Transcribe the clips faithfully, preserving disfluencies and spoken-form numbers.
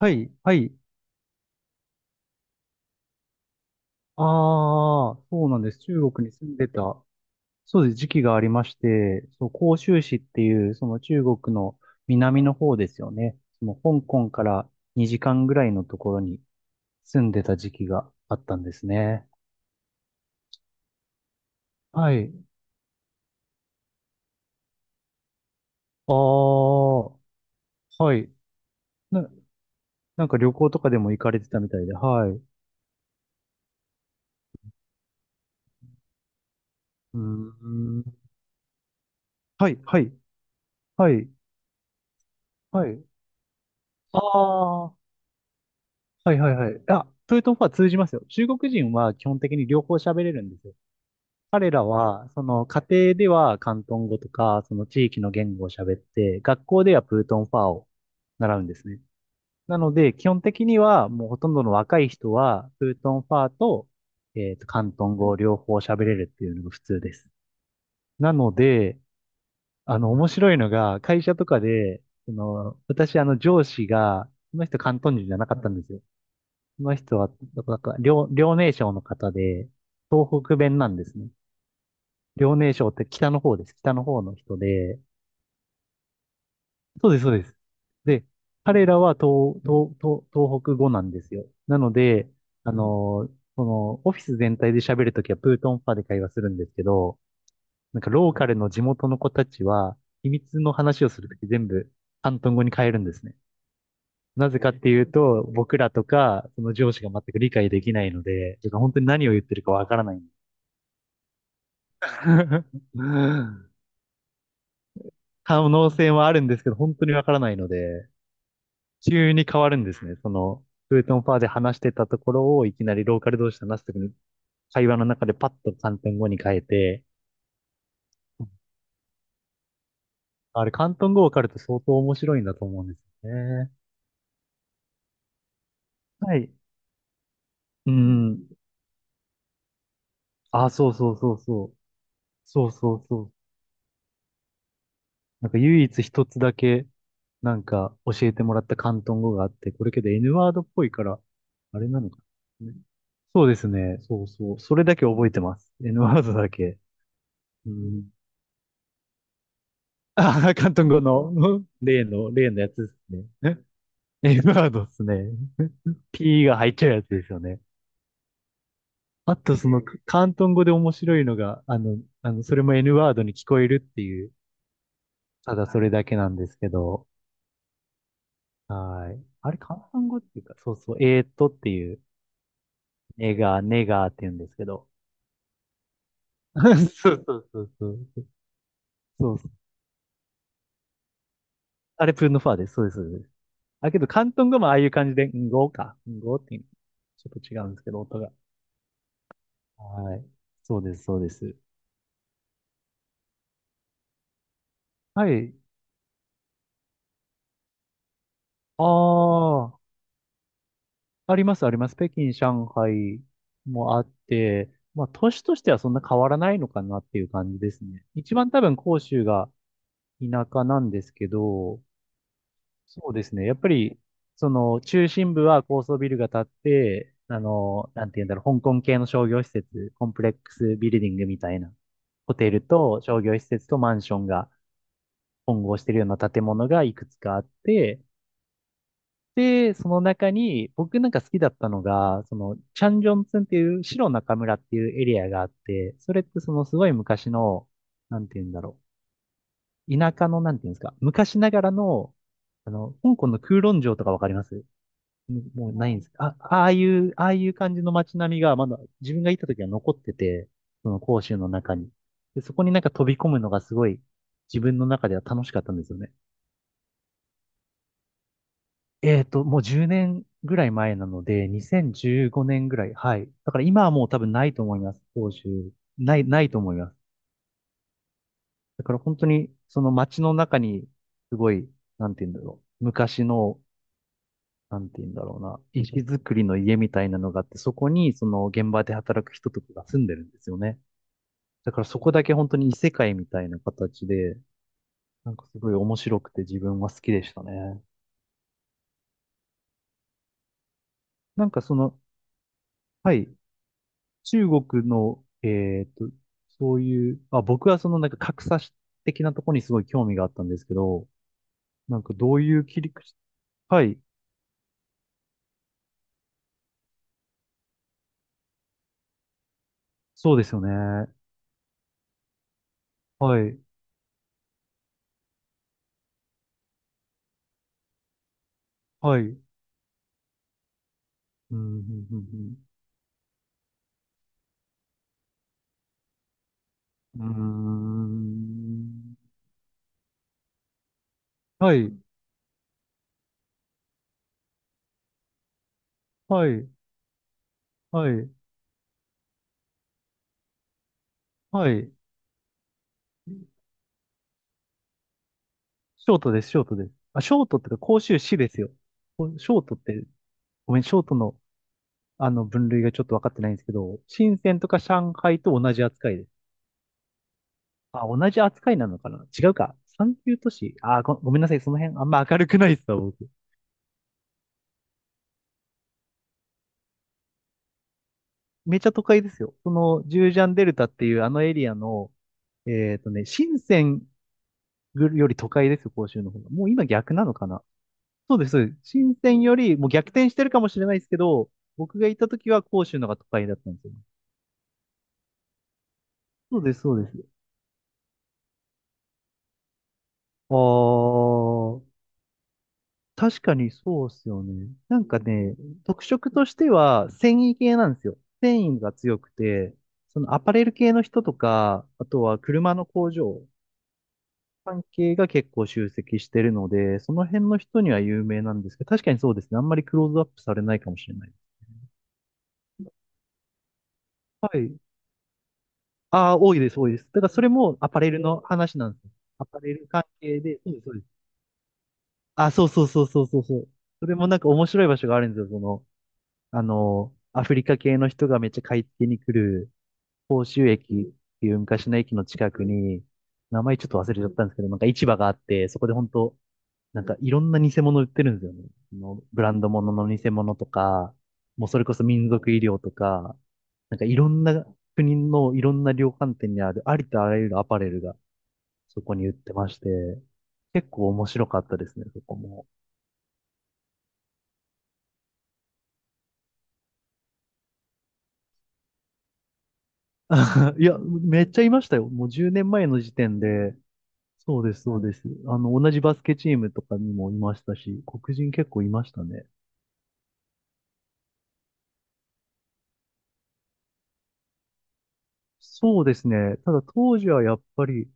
はい、はい。ああ、そうなんです。中国に住んでた、そうです、時期がありまして、そう、広州市っていう、その中国の南の方ですよね。その香港からにじかんぐらいのところに住んでた時期があったんですね。はい。ああ、はい。な、なんか旅行とかでも行かれてたみたいで、はい。うーん。はい、はい、はい、はい。ああ、はいはいはい。あ、それとは通じますよ。中国人は基本的に両方喋れるんですよ。彼らは、その家庭では広東語とか、その地域の言語を喋って、学校ではプートンファーを習うんですね。なので、基本的にはもうほとんどの若い人は、プートンファーと、えっと、広東語を両方喋れるっていうのが普通です。なので、あの、面白いのが、会社とかで、その、私、あの、上司が、その人広東人じゃなかったんですよ。その人は、なんか、遼、遼寧省の方で、東北弁なんですね。遼寧省って北の方です。北の方の人で、そうです、そうです。で、彼らは東、東、東、東北語なんですよ。なので、あのーその、オフィス全体で喋るときはプートンファで会話するんですけど、なんかローカルの地元の子たちは、秘密の話をするとき全部、広東語に変えるんですね。なぜかっていうと、僕らとか、その上司が全く理解できないので、てか本当に何を言ってるかわからない。可能性はあるんですけど、本当にわからないので、急に変わるんですね。その、フートンファーで話してたところを、いきなりローカル同士で話すときに、会話の中でパッと広東語に変えて、あれ、広東語わかると相当面白いんだと思うんですよね。はい。うん。あ、そうそうそうそう。そうそうそう、なんか唯一一つだけ、なんか教えてもらった広東語があって、これけど N ワードっぽいから、あれなのかな。そうですね。そうそう。それだけ覚えてます。N ワードだけ。うん。あ、広東語の、うん、例の、例のやつですね。え N ワードですね。ピー が入っちゃうやつですよね。あと、その、広東語で面白いのが、あの、あの、それも N ワードに聞こえるっていう、ただそれだけなんですけど、はい。あれ、広東語っていうか、そうそう、えーっとっていう、ネガー、ネガーって言うんですけど。そうそうそうそう。そうそう、あれ、プンノファーです。そうです。そうです。あ、けど、広東語もああいう感じで、んごか。んごっていう、ちょっと違うんですけど、音が。はい。そうです、そうです。はい。ああ、あります、あります。北京、上海もあって、まあ、都市としてはそんな変わらないのかなっていう感じですね。一番多分、広州が田舎なんですけど、そうですね。やっぱり、その、中心部は高層ビルが建って、あの、なんて言うんだろう、香港系の商業施設、コンプレックスビルディングみたいな、ホテルと商業施設とマンションが混合してるような建物がいくつかあって、で、その中に、僕なんか好きだったのが、その、チャンジョンツンっていう、白中村っていうエリアがあって、それってそのすごい昔の、なんて言うんだろう、田舎の、なんて言うんですか、昔ながらの、あの、香港の空論城とかわかります？もうないんです。あ、ああいう、ああいう感じの街並みがまだ自分が行った時は残ってて、その甲州の中に。で、そこになんか飛び込むのがすごい自分の中では楽しかったんですよね。えっと、もうじゅうねんぐらい前なので、にせんじゅうごねんぐらい。はい。だから今はもう多分ないと思います。甲州。ない、ないと思います。だから本当にその街の中にすごい、なんて言うんだろう。昔のなんて言うんだろうな、石造りの家みたいなのがあって、そこにその現場で働く人とかが住んでるんですよね。だからそこだけ本当に異世界みたいな形で、なんかすごい面白くて自分は好きでしたね。なんかその、はい、中国の、えっと、そういう、あ、僕はそのなんか格差的なところにすごい興味があったんですけど、なんかどういう切り口、はい、そうですよね。はい、はい、うん、うん、うん、うん。うーん。はい。はい、はい、はい。ショートです、ショートです。あ、ショートってか、甲州市ですよ。こショートって、ごめん、ショートの、あの、分類がちょっと分かってないんですけど、深圳とか上海と同じ扱いです。あ、同じ扱いなのかな、違うか。三級都市。あ、ご、ごめんなさい、その辺、あんま明るくないですわ、僕。めちゃ都会ですよ。その、ジュージャンデルタっていうあのエリアの、えっとね、深圳より都会ですよ、甲州の方が。もう今逆なのかな。そうです、そうです。深センよりもう逆転してるかもしれないですけど、僕が行った時は広州のが都会だったんですよね。そうです、そうです。あー、確かにそうですよね。なんかね、特色としては繊維系なんですよ。繊維が強くて、そのアパレル系の人とか、あとは車の工場関係が結構集積してるので、その辺の人には有名なんですけど、確かにそうですね。あんまりクローズアップされないかもしれない。はい。ああ、多いです、多いです。だからそれもアパレルの話なんですよ。アパレル関係で、そうです、そうです。あ、そうそうそうそうそうそう。それもなんか面白い場所があるんですよ。その、あの、アフリカ系の人がめっちゃ買い付けに来る、甲州駅っていう昔の駅の近くに、名前ちょっと忘れちゃったんですけど、なんか市場があって、そこで本当なんかいろんな偽物売ってるんですよね。そのブランド物の偽物とか、もうそれこそ民族医療とか、なんかいろんな国のいろんな量販店にあるありとあらゆるアパレルがそこに売ってまして、結構面白かったですね、そこも。いや、めっちゃいましたよ。もうじゅうねんまえの時点で、そうです、そうです。あの、同じバスケチームとかにもいましたし、黒人結構いましたね。そうですね。ただ当時はやっぱり、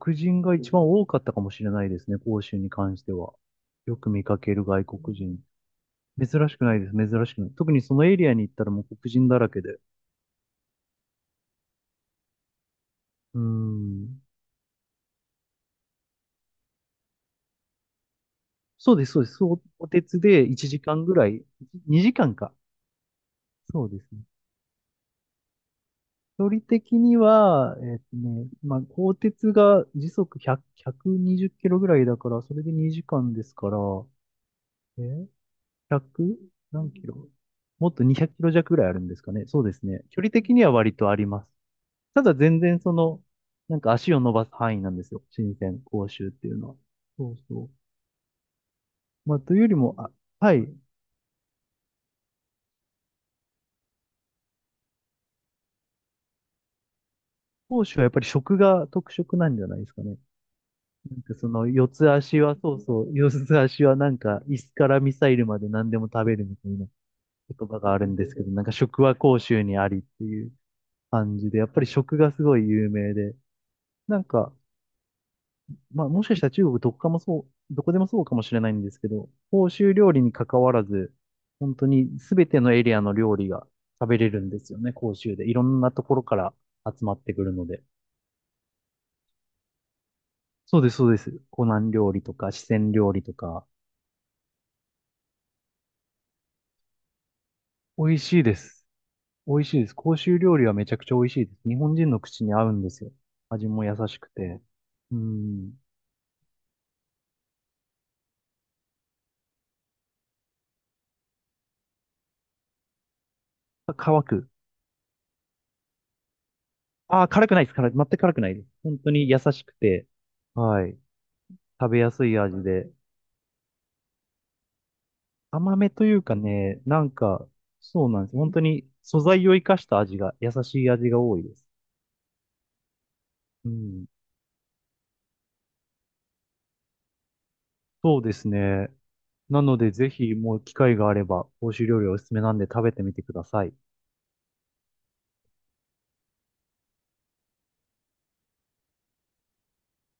黒人が一番多かったかもしれないですね、広州に関しては。よく見かける外国人。珍しくないです、珍しくない。特にそのエリアに行ったらもう黒人だらけで。うーん。そうです、そうです。そお鉄でいちじかんぐらい、にじかんか。そうですね。距離的には、えっとね、まあ、鋼鉄が時速ひゃく、ひゃくにじゅっキロぐらいだから、それでにじかんですから、えー、 ひゃく？ 何キロ、もっとにひゃくキロ弱ぐらいあるんですかね。そうですね。距離的には割とあります。ただ全然その、なんか足を伸ばす範囲なんですよ。新鮮、甲州っていうのは。そうそう。まあ、というよりも、あ、はい。甲州はやっぱり食が特色なんじゃないですかね。なんかその四つ足は、そうそう、四つ足はなんか椅子からミサイルまで何でも食べるみたいな言葉があるんですけど、なんか食は甲州にありっていう感じで、やっぱり食がすごい有名で、なんか、まあ、もしかしたら中国どこかもそう、どこでもそうかもしれないんですけど、欧州料理に関わらず、本当にすべてのエリアの料理が食べれるんですよね、広州で。いろんなところから集まってくるので。そうです、そうです。湖南料理とか、四川料理とか。美味しいです。美味しいです。広州料理はめちゃくちゃ美味しいです。日本人の口に合うんですよ。味も優しくて。うん。乾く。ああ、辛くないです。辛い。全く辛くないです。本当に優しくて、はい。食べやすい味で。甘めというかね、なんか、そうなんです。本当に素材を生かした味が、優しい味が多いです。うん。そうですね。なので、ぜひ、もう機会があれば、欧州料理おすすめなんで食べてみてください。